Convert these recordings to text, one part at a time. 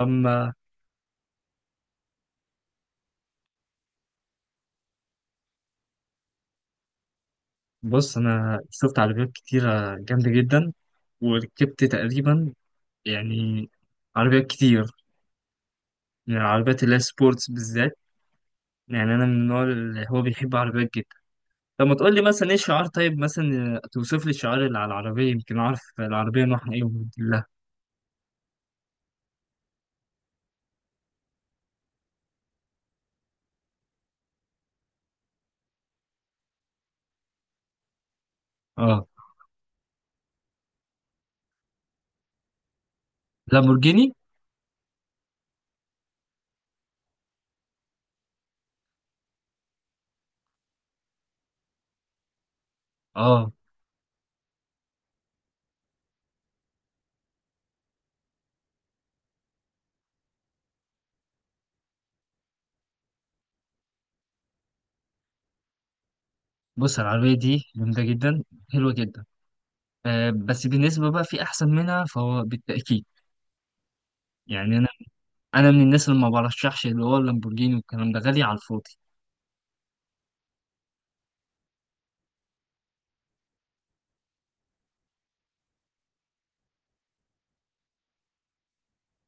أما. بص أنا شفت عربيات كتيرة جامدة جدا وركبت تقريبا، يعني عربيات كتير، يعني العربيات اللي هي سبورتس بالذات. يعني أنا من النوع اللي هو بيحب عربيات جدا. طب ما تقول لي مثلا إيه الشعار، طيب مثلا توصف لي الشعار اللي على العربية يمكن أعرف العربية نوعها إيه وموديل لها. أه، لامبورجيني. أه بص، العربية دي جامدة جدا، حلوة جدا. أه بس بالنسبة بقى في أحسن منها فهو بالتأكيد. يعني أنا من الناس اللي ما برشحش اللي هو اللامبورجيني والكلام ده غالي على الفاضي.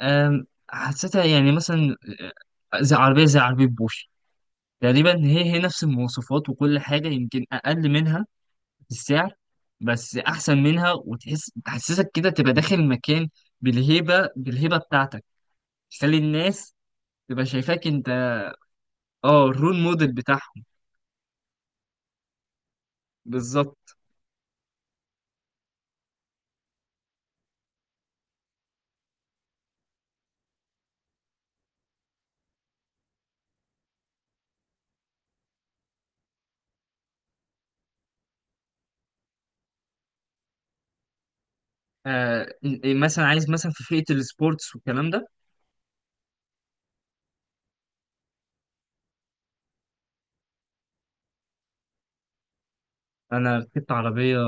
حسيتها يعني مثلا زي عربيه زي عربيه بوش تقريبا، هي نفس المواصفات وكل حاجه يمكن اقل منها في السعر، بس احسن منها وتحس تحسسك كده تبقى داخل المكان بالهيبه بتاعتك تخلي الناس تبقى شايفاك انت. اه الرول موديل بتاعهم. بالظبط. آه مثلا عايز مثلا في فئه السبورتس والكلام ده. انا ركبت عربيه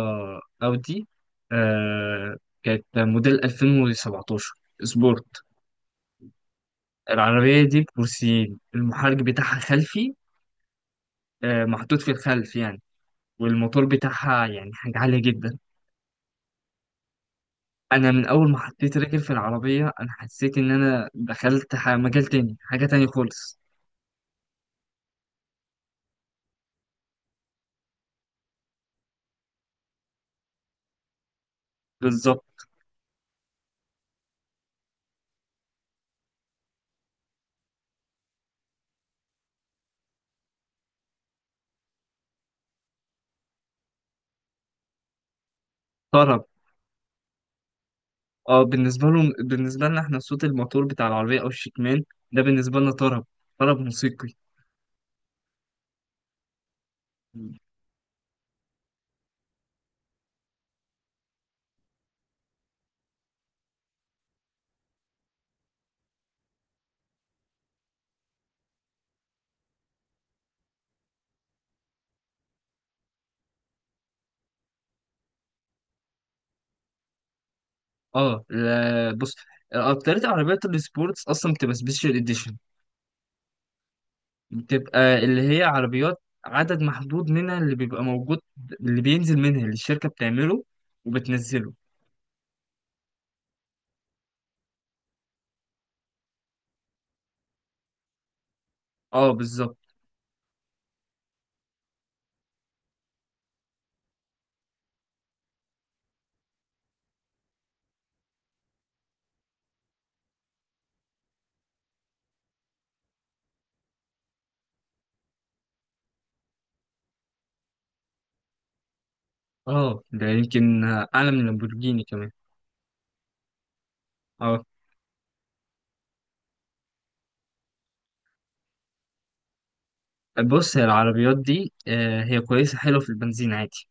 اودي، آه كانت موديل 2017 سبورت. العربيه دي بكرسيين، المحرك بتاعها خلفي، آه محطوط في الخلف يعني، والموتور بتاعها يعني حاجه عاليه جدا. انا من اول ما حطيت رجل في العربيه انا حسيت ان انا دخلت مجال تاني، حاجه تاني خالص. بالظبط. طرب. اه بالنسبه لهم، بالنسبه لنا احنا صوت الموتور بتاع العربيه او الشكمان ده بالنسبه لنا طرب، طرب موسيقي. اه لا بص، اكترية عربيات السبورتس اصلا بتبقى سبيشال اديشن. بتبقى اللي هي عربيات عدد محدود منها اللي بيبقى موجود، اللي بينزل منها اللي الشركة بتعمله وبتنزله. اه بالظبط. اه ده يمكن اعلى من لامبورجيني كمان. اه بص، هي العربيات دي هي كويسة حلوة في البنزين عادي،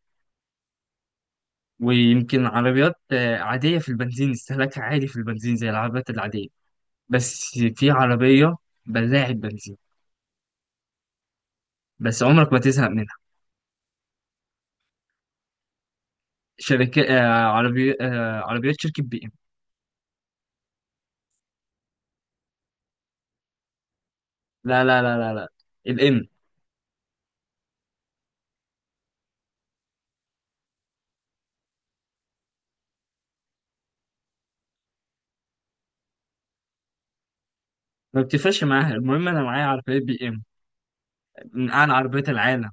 ويمكن عربيات عادية في البنزين، استهلاكها عادي في البنزين زي العربيات العادية. بس في عربية بلاعة بنزين بس عمرك ما تزهق منها. شركات عربي، عربيات شركة بي ام. لا لا لا لا لا، الام. ما بتفرقش معاها، المهم انا معايا عربيات بي ام، من اعلى عربيات العالم.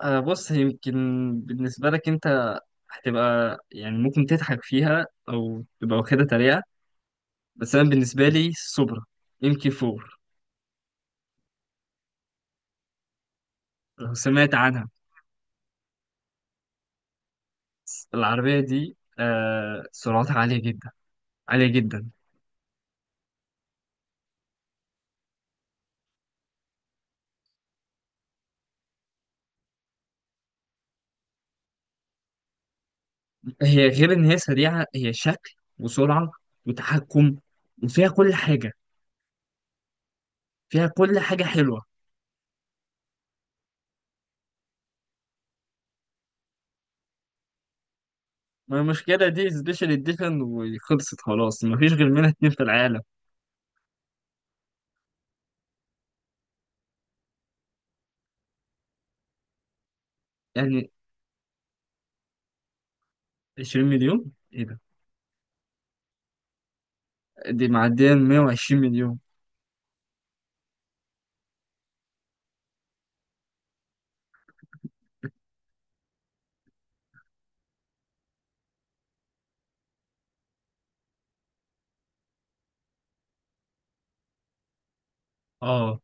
بص، يمكن بالنسبة لك انت هتبقى يعني ممكن تضحك فيها او تبقى واخدها تريقة، بس انا بالنسبة لي سوبرا ام كي 4، لو سمعت عنها. العربية دي سرعتها عالية جدا، عالية جدا. هي غير ان هي سريعة، هي شكل وسرعة وتحكم وفيها كل حاجة، فيها كل حاجة حلوة. ما المشكلة دي سبيشال اديشن وخلصت خلاص، مفيش غير منها اتنين في العالم. يعني 20 مليون ايه ده؟ دي معدية 120 مليون. اه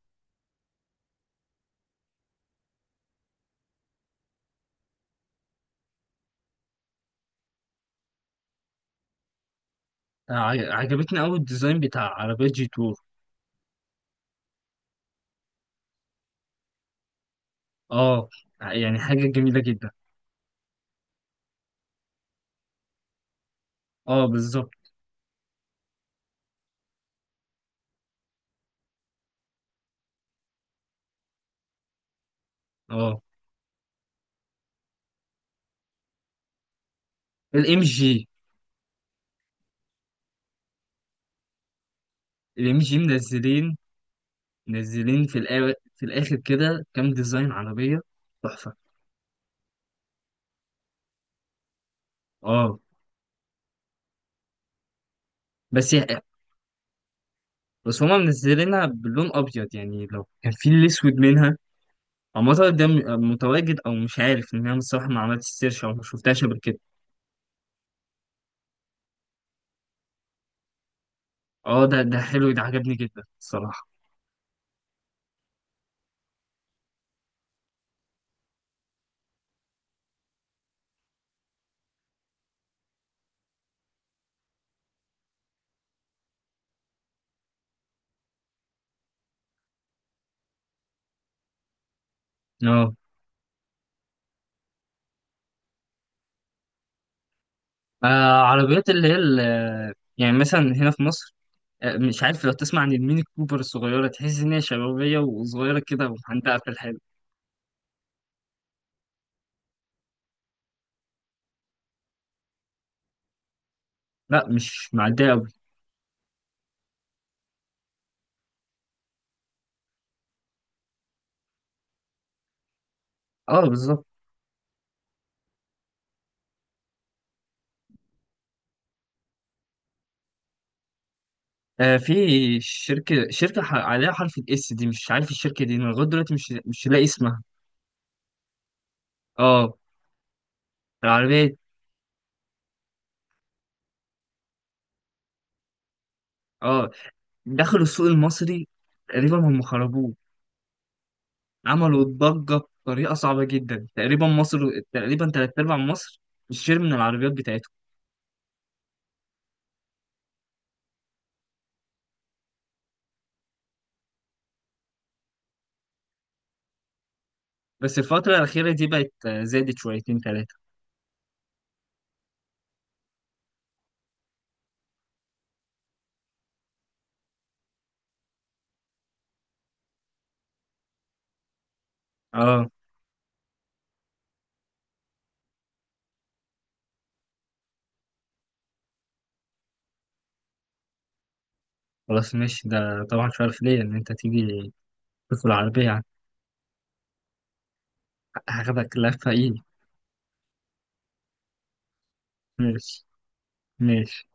عجبتني قوي الديزاين بتاع عربية جي تور. اه يعني حاجة جميلة جدا. اه بالظبط. اه الام جي. الام جي منزلين، منزلين في في الاخر كده كام ديزاين عربية تحفة. اه بس بس هما منزلينها باللون ابيض، يعني لو كان في الاسود منها. هو المطعم ده متواجد او مش عارف، ان انا الصراحه ما عملتش سيرش او ما شفتهاش قبل كده. اه ده ده حلو، ده عجبني جدا الصراحه. اه آه، عربيات اللي هي يعني مثلا هنا في مصر، مش عارف لو تسمع عن الميني كوبر الصغيره، تحس ان هي شبابيه وصغيره كده ومحندقه في الحلو. لا مش معديه قوي. اه بالظبط. آه في شركه عليها حرف الاس دي، مش عارف الشركه دي، انا لغايه دلوقتي مش لاقي اسمها. اه العربيه. اه دخلوا السوق المصري تقريبا هم خربوه، عملوا ضجة بطريقة صعبة جدا. تقريبا مصر، تقريبا تلات أرباع مصر بتشتري من العربيات بتاعتهم. بس الفترة الأخيرة دي بقت زادت شويتين تلاتة. اه خلاص ماشي، ده طبعا مش عارف ليه إن أنت تيجي تدخل العربية. هاخدك لفة إيه! ماشي، ماشي.